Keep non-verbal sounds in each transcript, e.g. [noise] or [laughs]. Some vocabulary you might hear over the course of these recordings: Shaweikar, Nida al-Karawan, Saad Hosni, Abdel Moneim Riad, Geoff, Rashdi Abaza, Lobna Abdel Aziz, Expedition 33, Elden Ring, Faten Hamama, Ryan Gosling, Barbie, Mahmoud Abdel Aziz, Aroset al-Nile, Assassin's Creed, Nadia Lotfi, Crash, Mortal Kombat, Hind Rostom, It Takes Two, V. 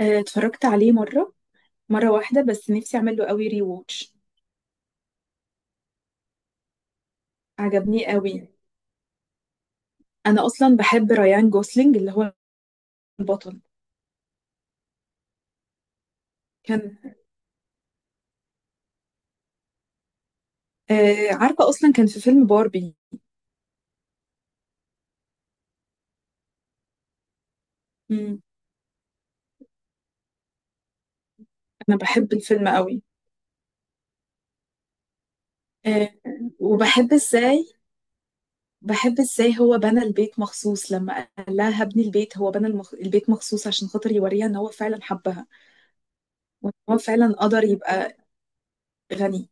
اتفرجت عليه مرة واحدة، بس نفسي اعمل له قوي ري ووتش. عجبني قوي. انا اصلا بحب رايان جوسلينج اللي هو البطل كان. عارفة اصلا كان في فيلم باربي. مم. انا بحب الفيلم قوي. آه، وبحب ازاي هو بنى البيت مخصوص لما قال لها هبني البيت، هو بنى البيت مخصوص عشان خاطر يوريها ان هو فعلا حبها، وان هو فعلا قدر يبقى غني.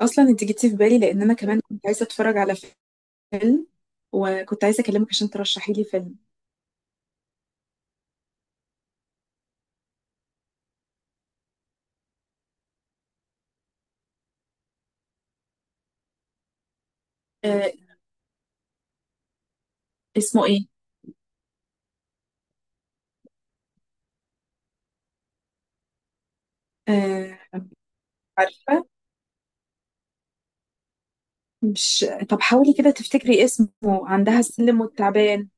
اصلا انت جيتي في بالي لان انا كمان كنت عايزة اتفرج على فيلم، وكنت عايزة أكلمك عشان ترشحي لي فيلم. آه. اسمه إيه؟ آه. عارفة؟ مش... طب حاولي كده تفتكري اسمه، عندها السلم والتعبان.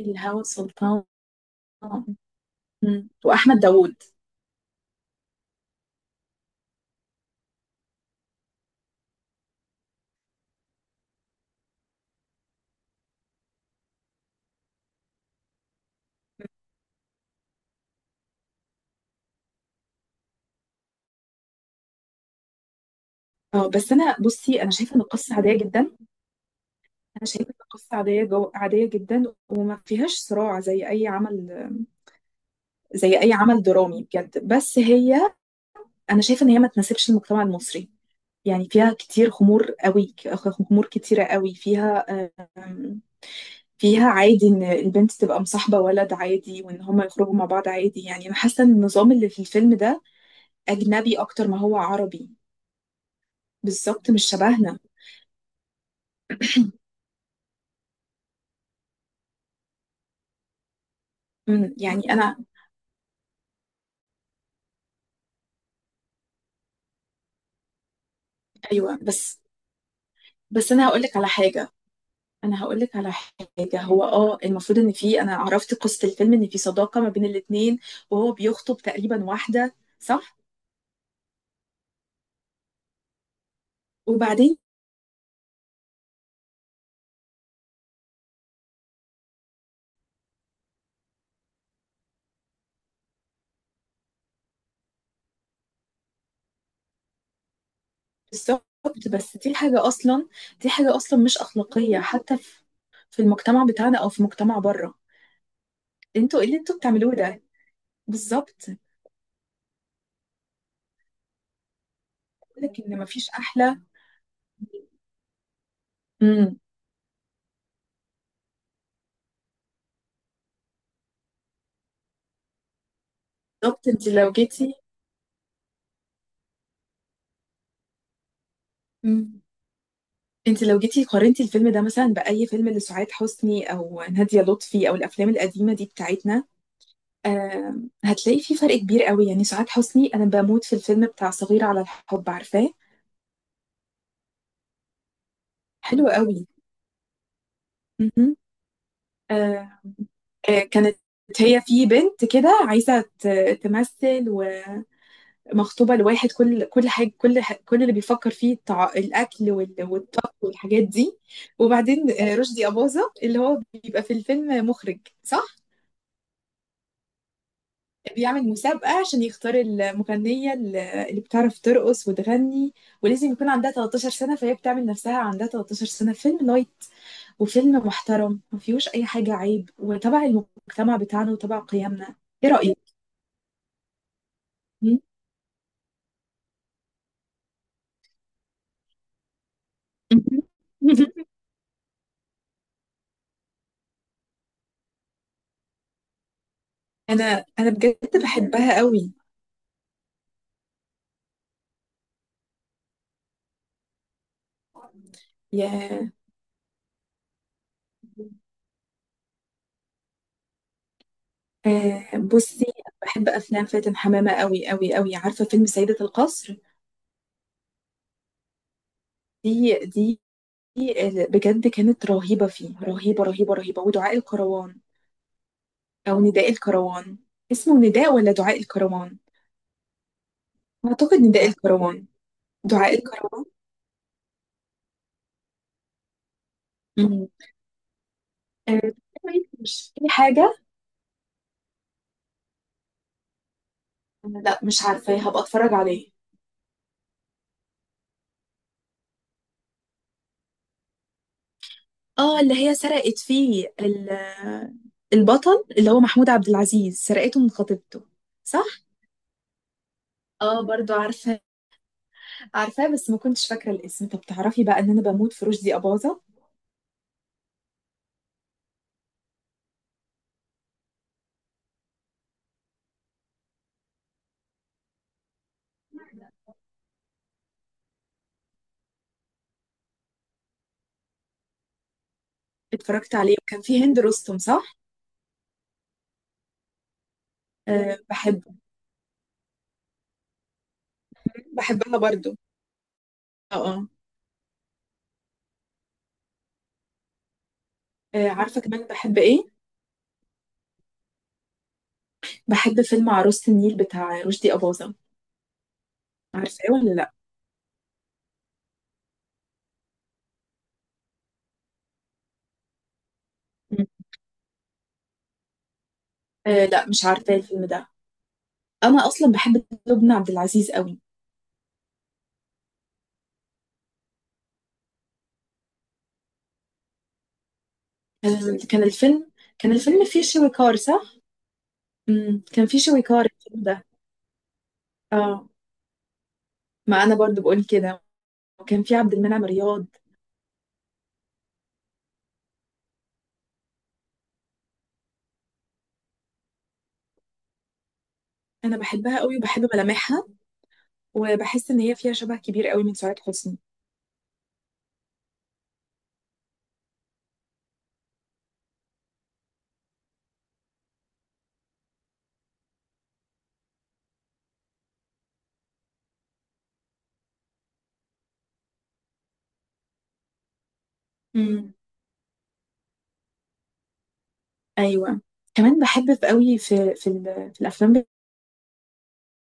الهوى سلطان. مم. وأحمد داوود. اه، بس أنا بصي، أنا شايفة إن القصة عادية جدا. أنا شايفة إن القصة عادية عادية جدا وما فيهاش صراع زي أي عمل درامي بجد، بس هي... انا شايفه ان هي ما تناسبش المجتمع المصري، يعني فيها كتير خمور قوي، خمور كتيره قوي فيها. آم، فيها عادي ان البنت تبقى مصاحبه ولد عادي، وان هما يخرجوا مع بعض عادي، يعني انا حاسه ان النظام اللي في الفيلم ده اجنبي اكتر ما هو عربي. بالظبط مش شبهنا. يعني انا... ايوه بس. بس انا هقول لك على حاجه انا هقول لك على حاجه، هو المفروض ان في، انا عرفت قصه الفيلم، ان في صداقه ما بين الاتنين، وهو بيخطب تقريبا واحده، صح؟ وبعدين... بالضبط. بس دي حاجة أصلا مش أخلاقية، حتى في المجتمع بتاعنا أو في مجتمع بره. انتوا ايه اللي انتوا بتعملوه ده؟ بالظبط. لك إن مفيش أحلى. امم بالظبط. انت لو جيتي... امم انت لو جيتي قارنتي الفيلم ده مثلا بأي فيلم لسعاد حسني أو نادية لطفي أو الأفلام القديمة دي بتاعتنا، هتلاقي في فرق كبير قوي. يعني سعاد حسني أنا بموت في الفيلم بتاع صغيرة على الحب، عارفاه؟ حلو قوي. مهم. كانت هي في بنت كده عايزة تمثل ومخطوبة لواحد، كل حاجة، كل اللي بيفكر فيه الأكل والطبخ والحاجات دي. وبعدين رشدي أباظة اللي هو بيبقى في الفيلم مخرج، صح؟ بيعمل مسابقة عشان يختار المغنية اللي بتعرف ترقص وتغني، ولازم يكون عندها 13 سنة، فهي بتعمل نفسها عندها 13 سنة. فيلم لايت وفيلم محترم ما فيهوش أي حاجة عيب وتبع المجتمع بتاعنا وتبع قيمنا. إيه رأيك؟ [laughs] انا بجد بحبها قوي. يا... آه، بصي. بحب افلام فاتن حمامه قوي قوي قوي. عارفه فيلم سيده القصر؟ دي دي بجد كانت رهيبه فيه، رهيبه رهيبه رهيبه. ودعاء الكروان او نداء الكروان. اسمه نداء ولا دعاء الكروان؟ اعتقد نداء الكروان. دعاء الكروان. مم. آه، طيب، مش في حاجه. لا مش عارفه، هبقى اتفرج عليه. اه، اللي هي سرقت فيه البطل اللي هو محمود عبد العزيز، سرقته من خطيبته، صح؟ اه برضو عارفة. عارفاه بس ما كنتش فاكرة الاسم. طب تعرفي بقى ان انا بموت في رشدي أباظة. اتفرجت عليه وكان فيه هند رستم، صح؟ أه بحبه. بحبها برضو. اه اه. آه، عارفة كمان بحب ايه؟ بحب فيلم عروسة النيل بتاع رشدي أباظة، عارفاه ولا لا؟ مم. أه لا، مش عارفة الفيلم ده. انا اصلا بحب لبنى عبد العزيز قوي. كان الفيلم... كان الفيلم فيه شويكار، صح؟ كان في شوي كار ده. اه، ما انا برضو بقول كده، وكان في عبد المنعم رياض. انا بحبها قوي وبحب ملامحها، وبحس ان هي فيها شبه كبير قوي من سعاد حسني. امم ايوه. كمان بحب في قوي في الافلام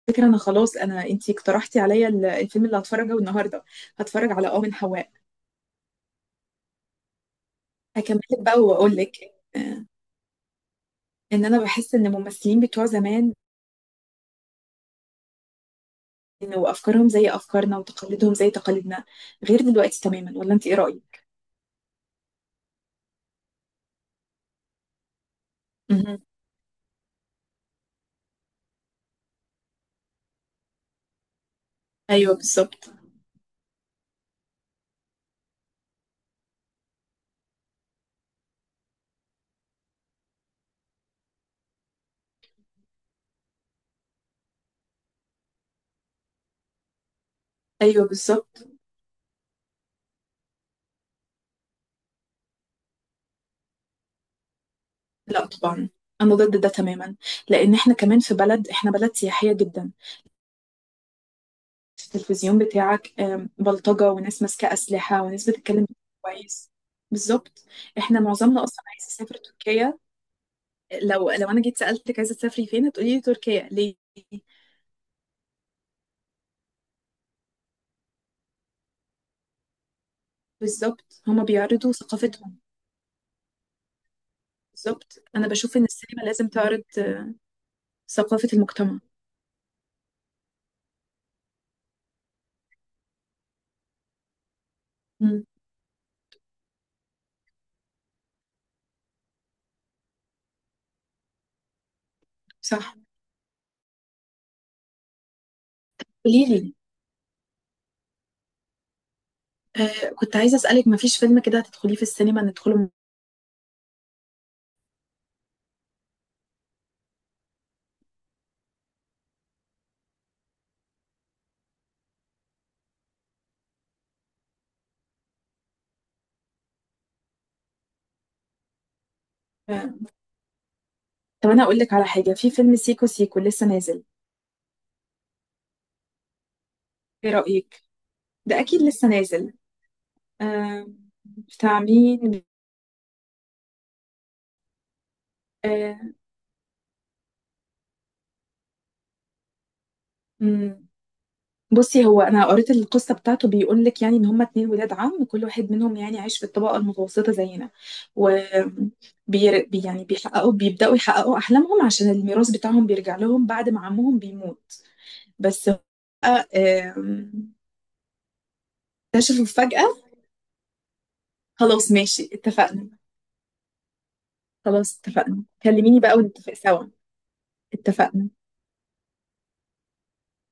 فكرة. انا خلاص... انتي اقترحتي عليا الفيلم اللي هتفرجه النهارده. هتفرج على من حواء. هكمل لك بقى واقول لك، آه، ان انا بحس ان الممثلين بتوع زمان وافكارهم زي افكارنا وتقاليدهم زي تقاليدنا، غير دلوقتي تماما، ولا انت ايه رايك؟ مهم. ايوه بالظبط. ايوه بالظبط. لا طبعا، انا ضد ده تماما. لان احنا كمان في بلد، احنا بلد سياحيه جدا. التلفزيون بتاعك بلطجه وناس ماسكه اسلحه وناس بتتكلم. كويس. بالظبط. احنا معظمنا اصلا عايز يسافر تركيا. لو انا جيت سالتك عايزه تسافري فين، هتقولي لي تركيا، ليه؟ بالظبط هما بيعرضوا ثقافتهم. بالظبط، انا بشوف ان السينما لازم تعرض، ثقافه المجتمع. مم. صح. قولي لي. آه، كنت عايزه اسالك، ما فيش فيلم كده هتدخليه في السينما ندخله؟ طب انا هقول لك على حاجه، في فيلم سيكو سيكو لسه نازل. ايه رايك؟ ده اكيد لسه نازل. آه. بتاع مين. آه. مم. بصي، هو انا قريت القصه بتاعته، بيقول لك يعني ان هما اتنين ولاد عم كل واحد منهم يعني عايش في الطبقه المتوسطه زينا، و... يعني بيبداوا يحققوا احلامهم عشان الميراث بتاعهم بيرجع لهم بعد ما عمهم بيموت، بس هو... آم، اكتشفوا فجاه. خلاص ماشي، اتفقنا. خلاص اتفقنا، كلميني بقى ونتفق سوا. اتفقنا.